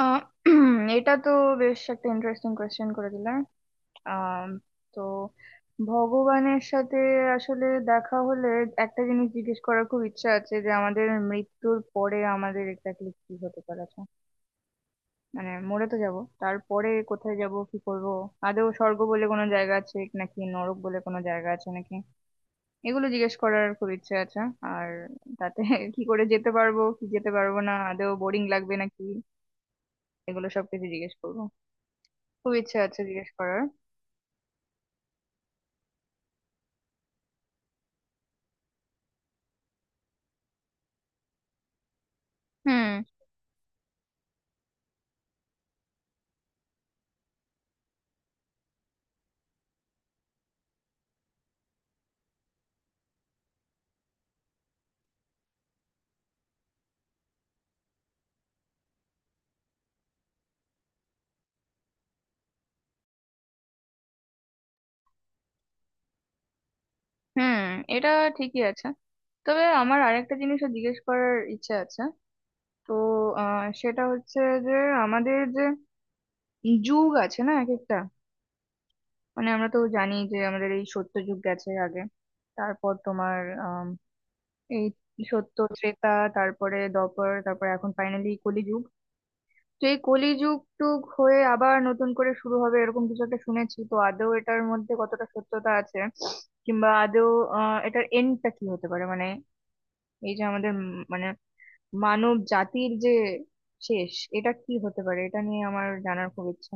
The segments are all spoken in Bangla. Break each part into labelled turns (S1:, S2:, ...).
S1: আহ এটা তো বেশ একটা ইন্টারেস্টিং কোয়েশ্চেন করে দিলাম। আম, তো ভগবানের সাথে আসলে দেখা হলে একটা জিনিস জিজ্ঞেস করার খুব ইচ্ছা আছে, যে আমাদের মৃত্যুর পরে আমাদের এক্স্যাক্টলি কি হতে পারে। আচ্ছা, মানে মরে তো যাব, তারপরে কোথায় যাব কি করব, আদৌ স্বর্গ বলে কোনো জায়গা আছে নাকি নরক বলে কোনো জায়গা আছে নাকি, এগুলো জিজ্ঞেস করার খুব ইচ্ছে আছে। আর তাতে কি করে যেতে পারবো কি যেতে পারবো না, আদৌ বোরিং লাগবে নাকি, এগুলো সবকিছু জিজ্ঞেস করবো, খুব ইচ্ছে আছে জিজ্ঞেস করার। হুম হুম এটা ঠিকই আছে। তবে আমার আরেকটা জিনিসও জিজ্ঞেস করার ইচ্ছে আছে। তো সেটা হচ্ছে যে আমাদের যে যুগ আছে না এক একটা, মানে আমরা তো জানি যে আমাদের এই সত্য যুগ গেছে আগে। তারপর তোমার আম, এই সত্য ত্রেতা, তারপরে দ্বাপর, তারপর এখন ফাইনালি কলি যুগ। তো এই কলিযুগ টুগ হয়ে আবার নতুন করে শুরু হবে এরকম কিছু একটা শুনেছি, তো আদৌ এটার মধ্যে কতটা সত্যতা আছে, কিংবা আদৌ এটার এন্ডটা কি হতে পারে। মানে এই যে আমাদের মানে মানব জাতির যে শেষ, এটা কি হতে পারে, এটা নিয়ে আমার জানার খুব ইচ্ছা।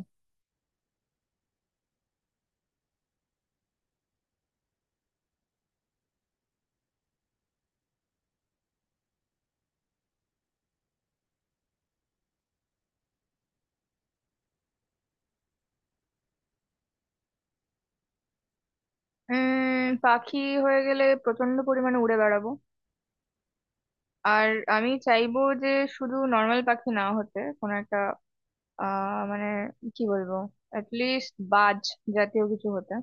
S1: উম, পাখি হয়ে গেলে প্রচন্ড পরিমাণে উড়ে বেড়াবো। আর আমি চাইবো যে শুধু নর্মাল পাখি না হতে কোনো একটা, মানে কি বলবো, অ্যাটলিস্ট বাজ জাতীয় কিছু হতে,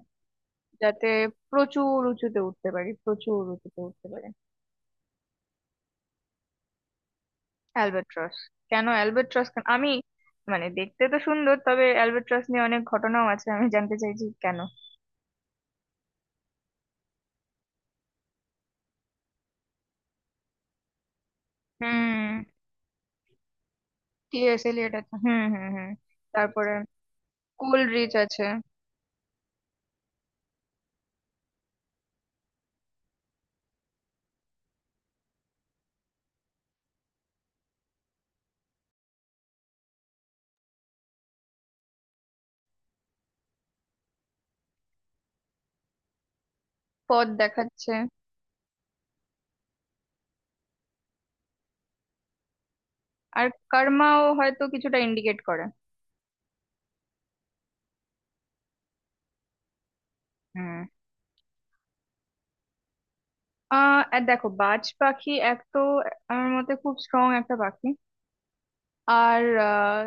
S1: যাতে প্রচুর উঁচুতে উঠতে পারি। অ্যালবাট্রস কেন? অ্যালবাট্রস কেন আমি? মানে দেখতে তো সুন্দর, তবে অ্যালবাট্রস নিয়ে অনেক ঘটনাও আছে, আমি জানতে চাইছি কেন। হুম। টিএস এলিয়ট আছে, হুম হুম হুম। তারপরে কোলরিচ আছে। পথ দেখাচ্ছে। আর কর্মাও হয়তো কিছুটা ইন্ডিকেট করে। হুম। আর দেখো, বাজ পাখি এক তো আমার মতে খুব স্ট্রং একটা পাখি। আর আহ,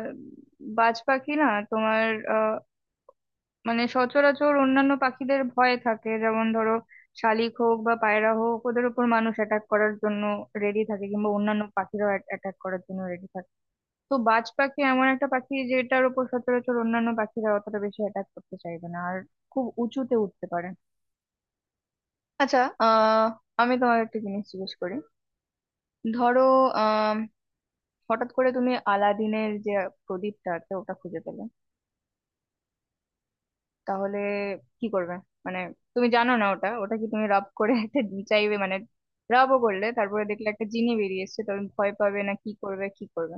S1: বাজ পাখি না তোমার, মানে সচরাচর অন্যান্য পাখিদের ভয় থাকে, যেমন ধরো শালিক হোক বা পায়রা হোক, ওদের উপর মানুষ অ্যাটাক করার জন্য রেডি থাকে, কিংবা অন্যান্য পাখিরাও অ্যাটাক করার জন্য রেডি থাকে। তো বাজ পাখি এমন একটা পাখি যেটার উপর সচরাচর অন্যান্য পাখিরা অতটা বেশি অ্যাটাক করতে চাইবে না, আর খুব উঁচুতে উঠতে পারে। আচ্ছা, আহ আমি তোমার একটা জিনিস জিজ্ঞেস করি। ধরো আহ হঠাৎ করে তুমি আলাদিনের যে প্রদীপটা আছে ওটা খুঁজে পেলে, তাহলে কি করবে? মানে তুমি জানো না ওটা ওটা কি, তুমি রাব করে একটা চাইবে, মানে রাবও করলে তারপরে দেখলে একটা জিনি বেরিয়ে এসছে, তখন ভয় পাবে না কি করবে কি করবে?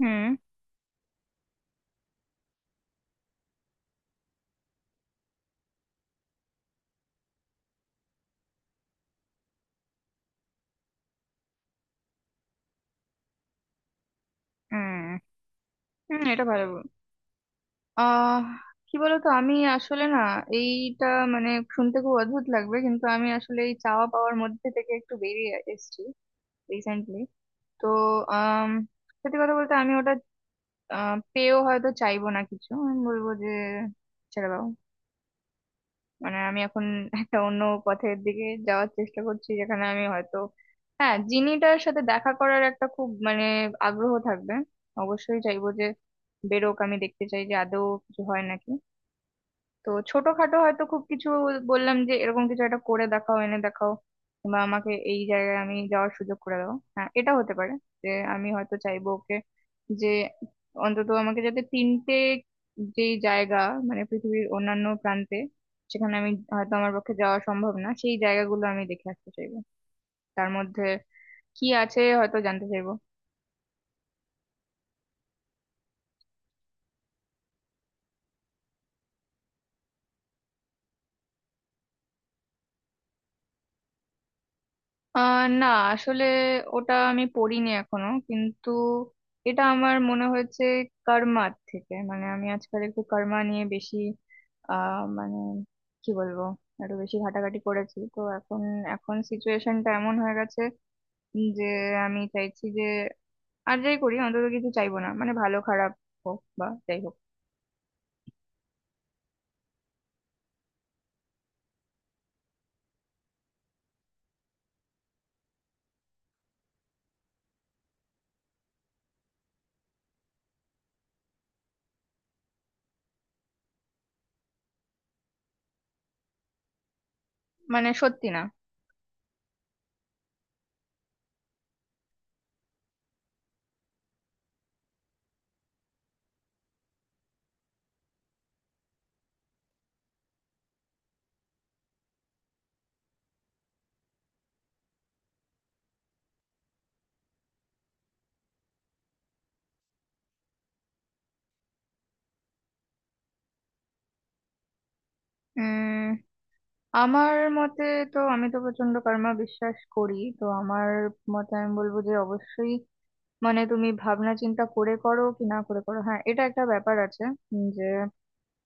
S1: হুম হুম হুম এটা ভালো আহ কি বলতো, আমি আসলে না এইটা, মানে শুনতে খুব অদ্ভুত লাগবে, কিন্তু আমি আসলে এই চাওয়া পাওয়ার মধ্যে থেকে একটু বেরিয়ে এসেছি রিসেন্টলি। তো আম, সত্যি কথা বলতে আমি ওটা আহ, পেয়েও হয়তো চাইবো না কিছু, আমি বলবো যে ছেড়ে দাও। মানে আমি এখন একটা অন্য পথের দিকে যাওয়ার চেষ্টা করছি, যেখানে আমি হয়তো, হ্যাঁ, জিনিটার সাথে দেখা করার একটা খুব মানে আগ্রহ থাকবে, অবশ্যই চাইবো যে বেরোক, আমি দেখতে চাই যে আদৌ কিছু হয় নাকি। তো ছোটখাটো হয়তো খুব কিছু বললাম যে, এরকম কিছু একটা করে দেখাও, এনে দেখাও, বা আমাকে এই জায়গায় আমি যাওয়ার সুযোগ করে দাও। হ্যাঁ, এটা হতে পারে যে আমি হয়তো চাইবো ওকে, যে অন্তত আমাকে যাতে তিনটে যেই জায়গা, মানে পৃথিবীর অন্যান্য প্রান্তে, সেখানে আমি হয়তো আমার পক্ষে যাওয়া সম্ভব না, সেই জায়গাগুলো আমি দেখে আসতে চাইবো, তার মধ্যে কি আছে হয়তো জানতে চাইবো। না, আসলে ওটা আমি পড়িনি এখনো, কিন্তু এটা আমার মনে হয়েছে কর্মার থেকে। মানে আমি আজকাল একটু কর্মা নিয়ে বেশি মানে কি বলবো, একটু বেশি ঘাটাঘাটি করেছি, তো এখন এখন সিচুয়েশনটা এমন হয়ে গেছে যে আমি চাইছি যে আর যাই করি অন্তত কিছু চাইবো না, মানে ভালো খারাপ হোক বা যাই হোক। মানে সত্যি না। উম আমার মতে, তো আমি তো প্রচন্ড কর্মা বিশ্বাস করি, তো আমার মতে আমি বলবো যে অবশ্যই, মানে তুমি ভাবনা চিন্তা করে করো কি না করে করো, হ্যাঁ এটা একটা ব্যাপার আছে। উম, যে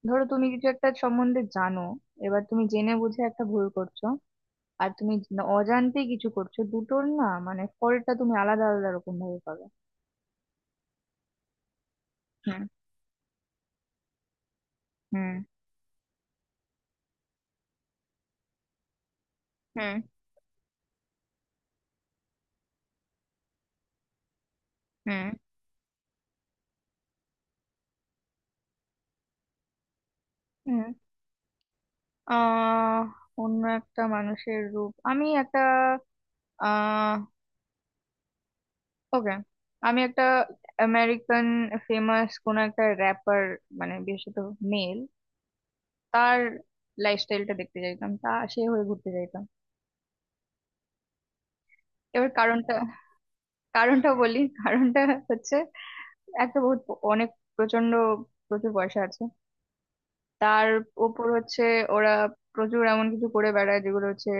S1: ধরো তুমি কিছু একটা সম্বন্ধে জানো, এবার তুমি জেনে বুঝে একটা ভুল করছো, আর তুমি অজান্তে কিছু করছো, দুটোর না মানে ফলটা তুমি আলাদা আলাদা রকম ভাবে পাবে। হুম হুম হুম হুম হুম আহ অন্য একটা মানুষের রূপ, আমি একটা আহ ওকে, আমি একটা আমেরিকান ফেমাস কোন একটা র্যাপার, মানে বিশেষত মেল, তার লাইফস্টাইলটা দেখতে চাইতাম, তা সে হয়ে ঘুরতে চাইতাম। এবার কারণটা, কারণটা বলি। কারণটা হচ্ছে, এক তো বহুত অনেক প্রচন্ড প্রচুর পয়সা আছে তার। উপর হচ্ছে ওরা প্রচুর এমন কিছু করে বেড়ায় যেগুলো হচ্ছে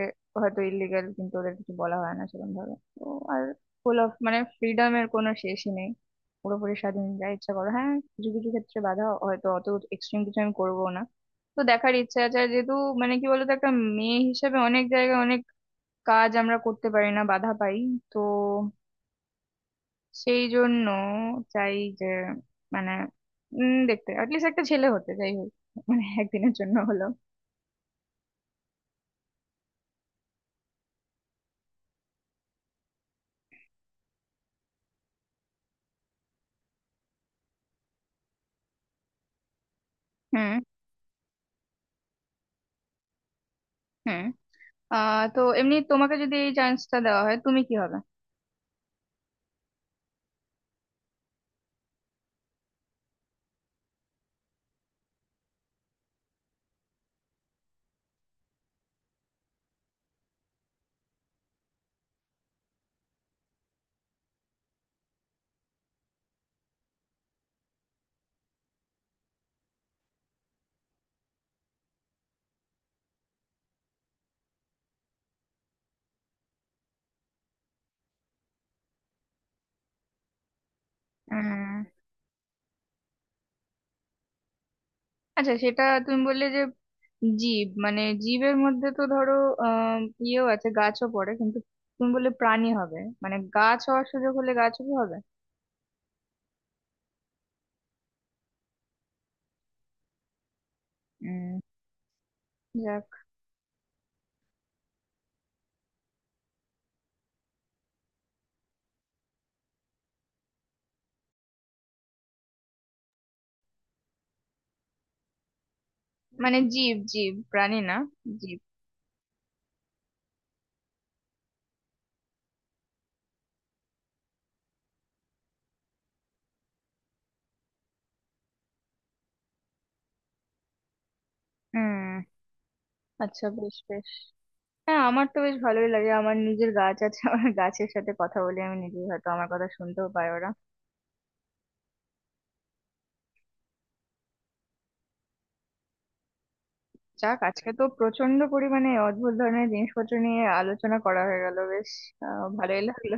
S1: হয়তো ইলিগাল, কিন্তু ওদের কিছু বলা হয় না সেরকম ভাবে, তো। আর ফুল অফ মানে ফ্রিডমের কোনো শেষই নেই, পুরোপুরি স্বাধীন, যা ইচ্ছা করো। হ্যাঁ, কিছু কিছু ক্ষেত্রে বাধা, হয়তো অত এক্সট্রিম কিছু আমি করবো না, তো দেখার ইচ্ছা আছে। আর যেহেতু মানে কি বলতো, একটা মেয়ে হিসেবে অনেক জায়গায় অনেক কাজ আমরা করতে পারি না, বাধা পাই, তো সেই জন্য চাই যে মানে দেখতে অ্যাটলিস্ট একটা ছেলে হতে, যাই হোক মানে একদিনের জন্য হলো। হুম হুম তো এমনি তোমাকে যদি এই চান্সটা দেওয়া হয় তুমি কি হবে? উম, আচ্ছা সেটা তুমি বললে যে জীব, মানে জীবের মধ্যে তো ধরো আহ ইয়েও আছে, গাছও পড়ে, কিন্তু তুমি বললে প্রাণী হবে, মানে গাছ হওয়ার সুযোগ হলে গাছও কি হবে? উম, যাক। মানে জীব, জীব, প্রাণী না জীব। হুম আচ্ছা, বেশ বেশ। হ্যাঁ, আমার তো বেশ ভালোই লাগে, আমার নিজের গাছ আছে, আমার গাছের সাথে কথা বলে আমি নিজেই, হয়তো আমার কথা শুনতেও পায় ওরা। যাক, আজকে তো প্রচন্ড পরিমাণে অদ্ভুত ধরনের জিনিসপত্র নিয়ে আলোচনা করা হয়ে গেল, বেশ ভালোই লাগলো।